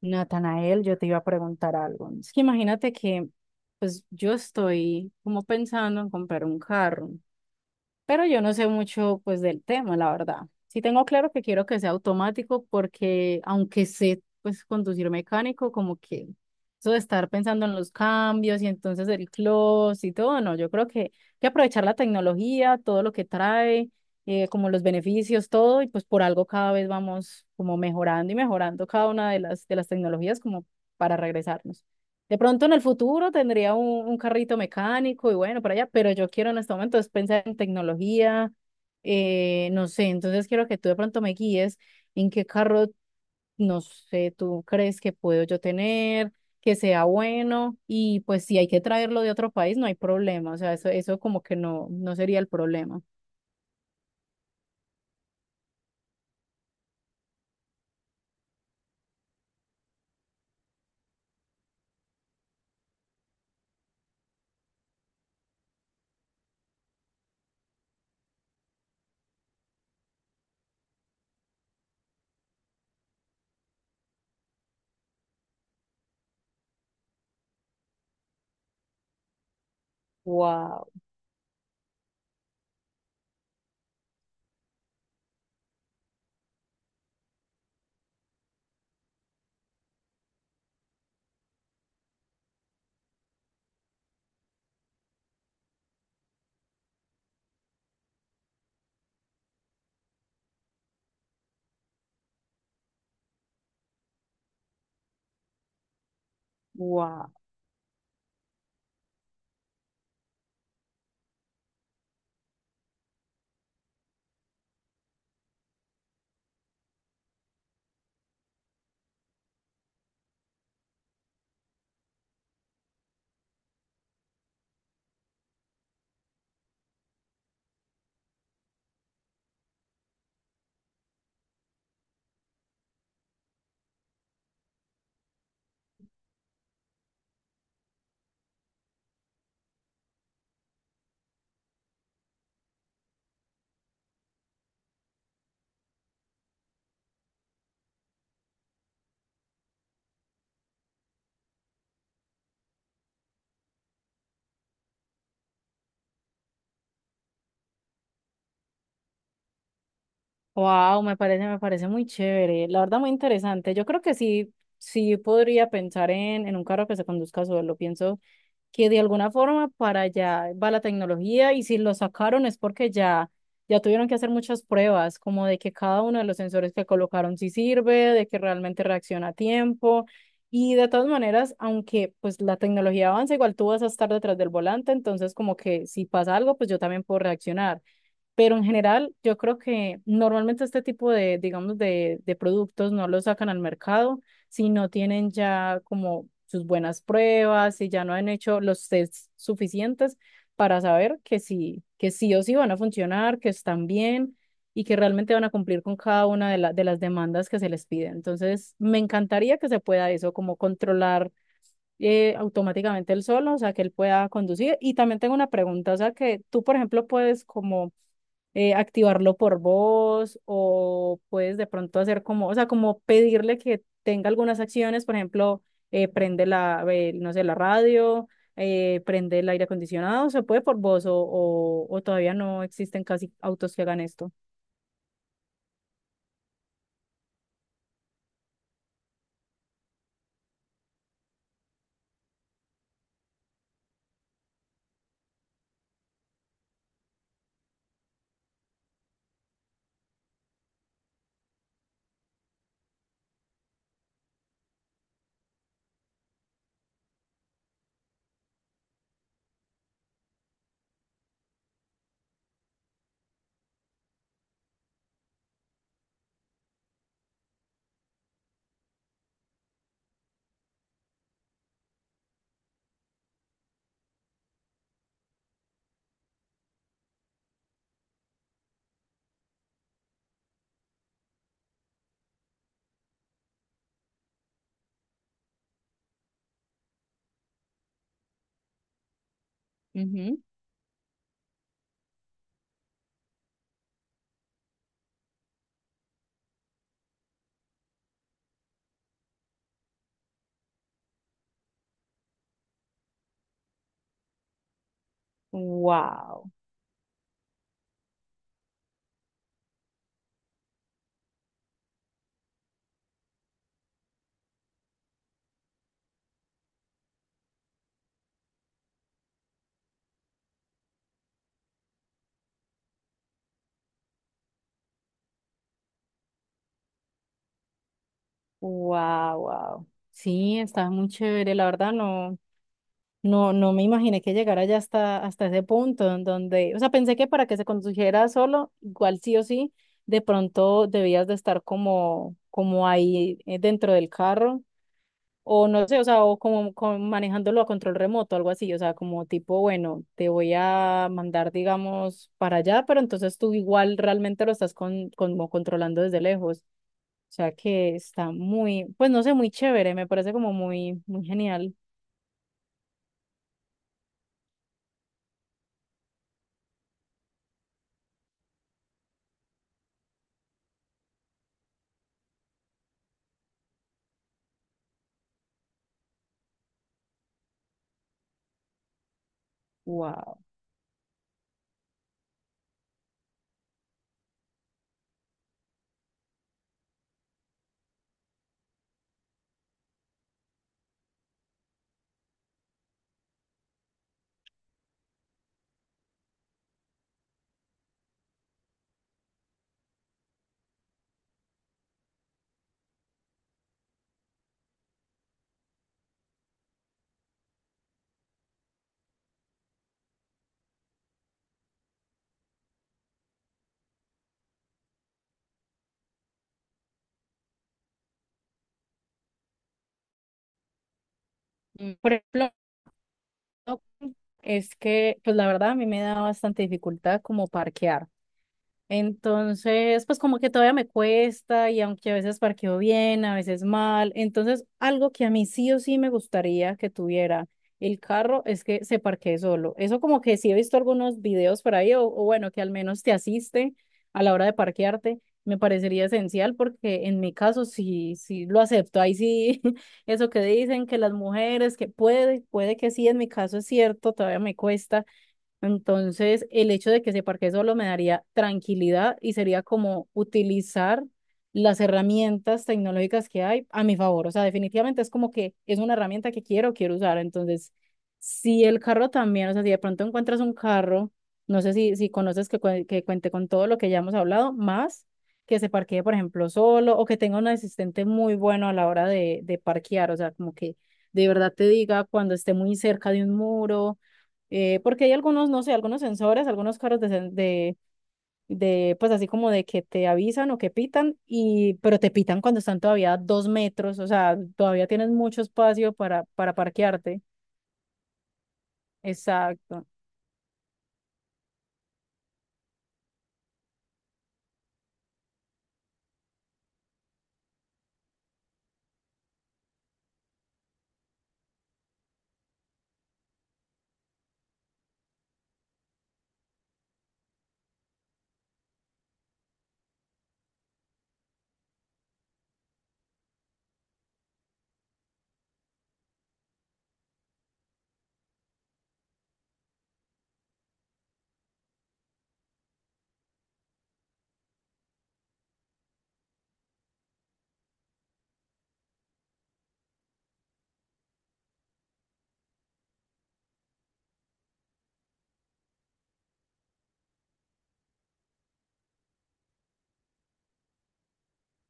Natanael, yo te iba a preguntar algo. Es que imagínate que, pues yo estoy como pensando en comprar un carro pero yo no sé mucho pues del tema, la verdad. Sí tengo claro que quiero que sea automático porque aunque sé pues conducir mecánico, como que eso de estar pensando en los cambios y entonces el close y todo, no, yo creo que hay que aprovechar la tecnología, todo lo que trae, como los beneficios, todo, y pues por algo cada vez vamos como mejorando y mejorando cada una de las tecnologías como para regresarnos. De pronto en el futuro tendría un carrito mecánico y bueno, para allá, pero yo quiero en este momento es pensar en tecnología, no sé, entonces quiero que tú de pronto me guíes en qué carro, no sé, tú crees que puedo yo tener, que sea bueno y pues si hay que traerlo de otro país, no hay problema, o sea, eso como que no, no sería el problema. Wow, wow, wow, me parece muy chévere, la verdad muy interesante. Yo creo que sí, sí podría pensar en un carro que se conduzca solo, pienso. Que de alguna forma para allá va la tecnología y si lo sacaron es porque ya, ya tuvieron que hacer muchas pruebas, como de que cada uno de los sensores que colocaron sí sirve, de que realmente reacciona a tiempo. Y de todas maneras, aunque pues la tecnología avanza, igual tú vas a estar detrás del volante, entonces como que si pasa algo, pues yo también puedo reaccionar. Pero en general, yo creo que normalmente este tipo de, digamos, de productos no los sacan al mercado si no tienen ya como sus buenas pruebas, si ya no han hecho los tests suficientes para saber que sí o sí van a funcionar, que están bien y que realmente van a cumplir con cada una de, de las demandas que se les pide. Entonces, me encantaría que se pueda eso, como controlar automáticamente él solo, o sea, que él pueda conducir. Y también tengo una pregunta, o sea, que tú, por ejemplo, puedes como activarlo por voz o puedes de pronto hacer como, o sea, como pedirle que tenga algunas acciones, por ejemplo, prende la, no sé, la radio, prende el aire acondicionado, se puede por voz o todavía no existen casi autos que hagan esto. Ujú. Wow, wow, wow. Sí, está muy chévere, la verdad no. No, no me imaginé que llegara ya hasta, hasta ese punto en donde, o sea, pensé que para que se condujera solo, igual sí o sí, de pronto debías de estar como, como ahí dentro del carro, o no sé, o sea, o como, como manejándolo a control remoto, algo así, o sea, como tipo, bueno, te voy a mandar, digamos, para allá, pero entonces tú igual realmente lo estás con, como controlando desde lejos. O sea que está muy, pues no sé, muy chévere, me parece como muy, muy genial. Wow. Por ejemplo, ok. Es que, pues la verdad, a mí me da bastante dificultad como parquear. Entonces, pues como que todavía me cuesta y aunque a veces parqueo bien, a veces mal. Entonces, algo que a mí sí o sí me gustaría que tuviera el carro es que se parquee solo. Eso como que sí he visto algunos videos por ahí o bueno, que al menos te asiste a la hora de parquearte. Me parecería esencial porque en mi caso sí, sí lo acepto. Ahí sí, eso que dicen que las mujeres, que puede, puede que sí, en mi caso es cierto, todavía me cuesta entonces, el hecho de que se parquee solo me daría tranquilidad y sería como utilizar las herramientas tecnológicas que hay a mi favor. O sea, definitivamente es como que es una herramienta que quiero, quiero usar. Entonces, si el carro también, o sea, si de pronto encuentras un carro, no sé si, si conoces que, que cuente con todo lo que ya hemos hablado, más que se parquee, por ejemplo, solo o que tenga un asistente muy bueno a la hora de parquear. O sea, como que de verdad te diga cuando esté muy cerca de un muro porque hay algunos, no sé, algunos sensores, algunos carros de, de, pues así como de que te avisan o que pitan, y, pero te pitan cuando están todavía a 2 metros, o sea, todavía tienes mucho espacio para parquearte. Exacto.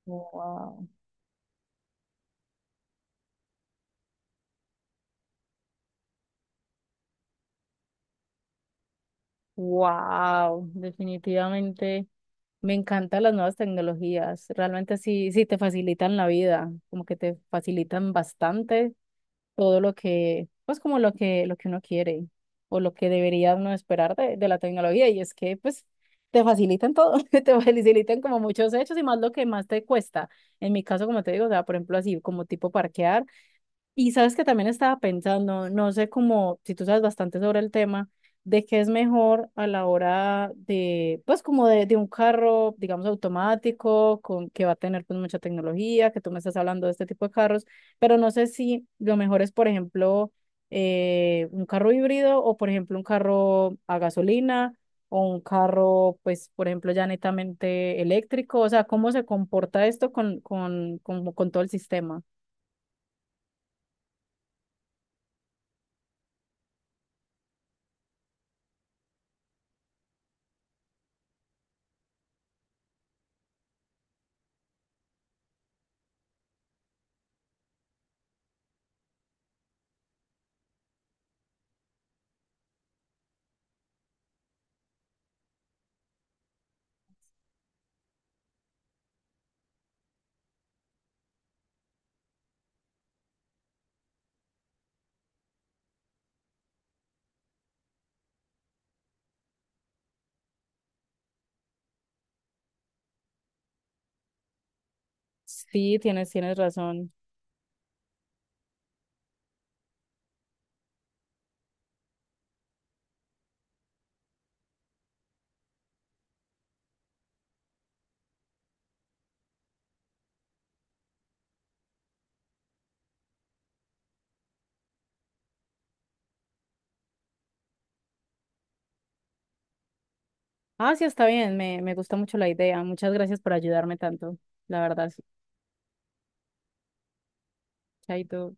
Wow. Wow. Definitivamente me encantan las nuevas tecnologías. Realmente sí, sí te facilitan la vida, como que te facilitan bastante todo lo que, pues como lo que uno quiere o lo que debería uno esperar de la tecnología. Y es que, pues, te facilitan todo, te facilitan como muchos hechos y más lo que más te cuesta. En mi caso, como te digo, o sea, por ejemplo, así como tipo parquear. Y sabes que también estaba pensando, no sé cómo, si tú sabes bastante sobre el tema, de qué es mejor a la hora de, pues como de un carro, digamos, automático, con, que va a tener pues mucha tecnología, que tú me estás hablando de este tipo de carros, pero no sé si lo mejor es, por ejemplo, un carro híbrido o, por ejemplo, un carro a gasolina o un carro, pues, por ejemplo, ya netamente eléctrico, o sea, cómo se comporta esto con todo el sistema. Sí, tienes, tienes razón. Ah, sí, está bien, me gusta mucho la idea. Muchas gracias por ayudarme tanto, la verdad. Chaito.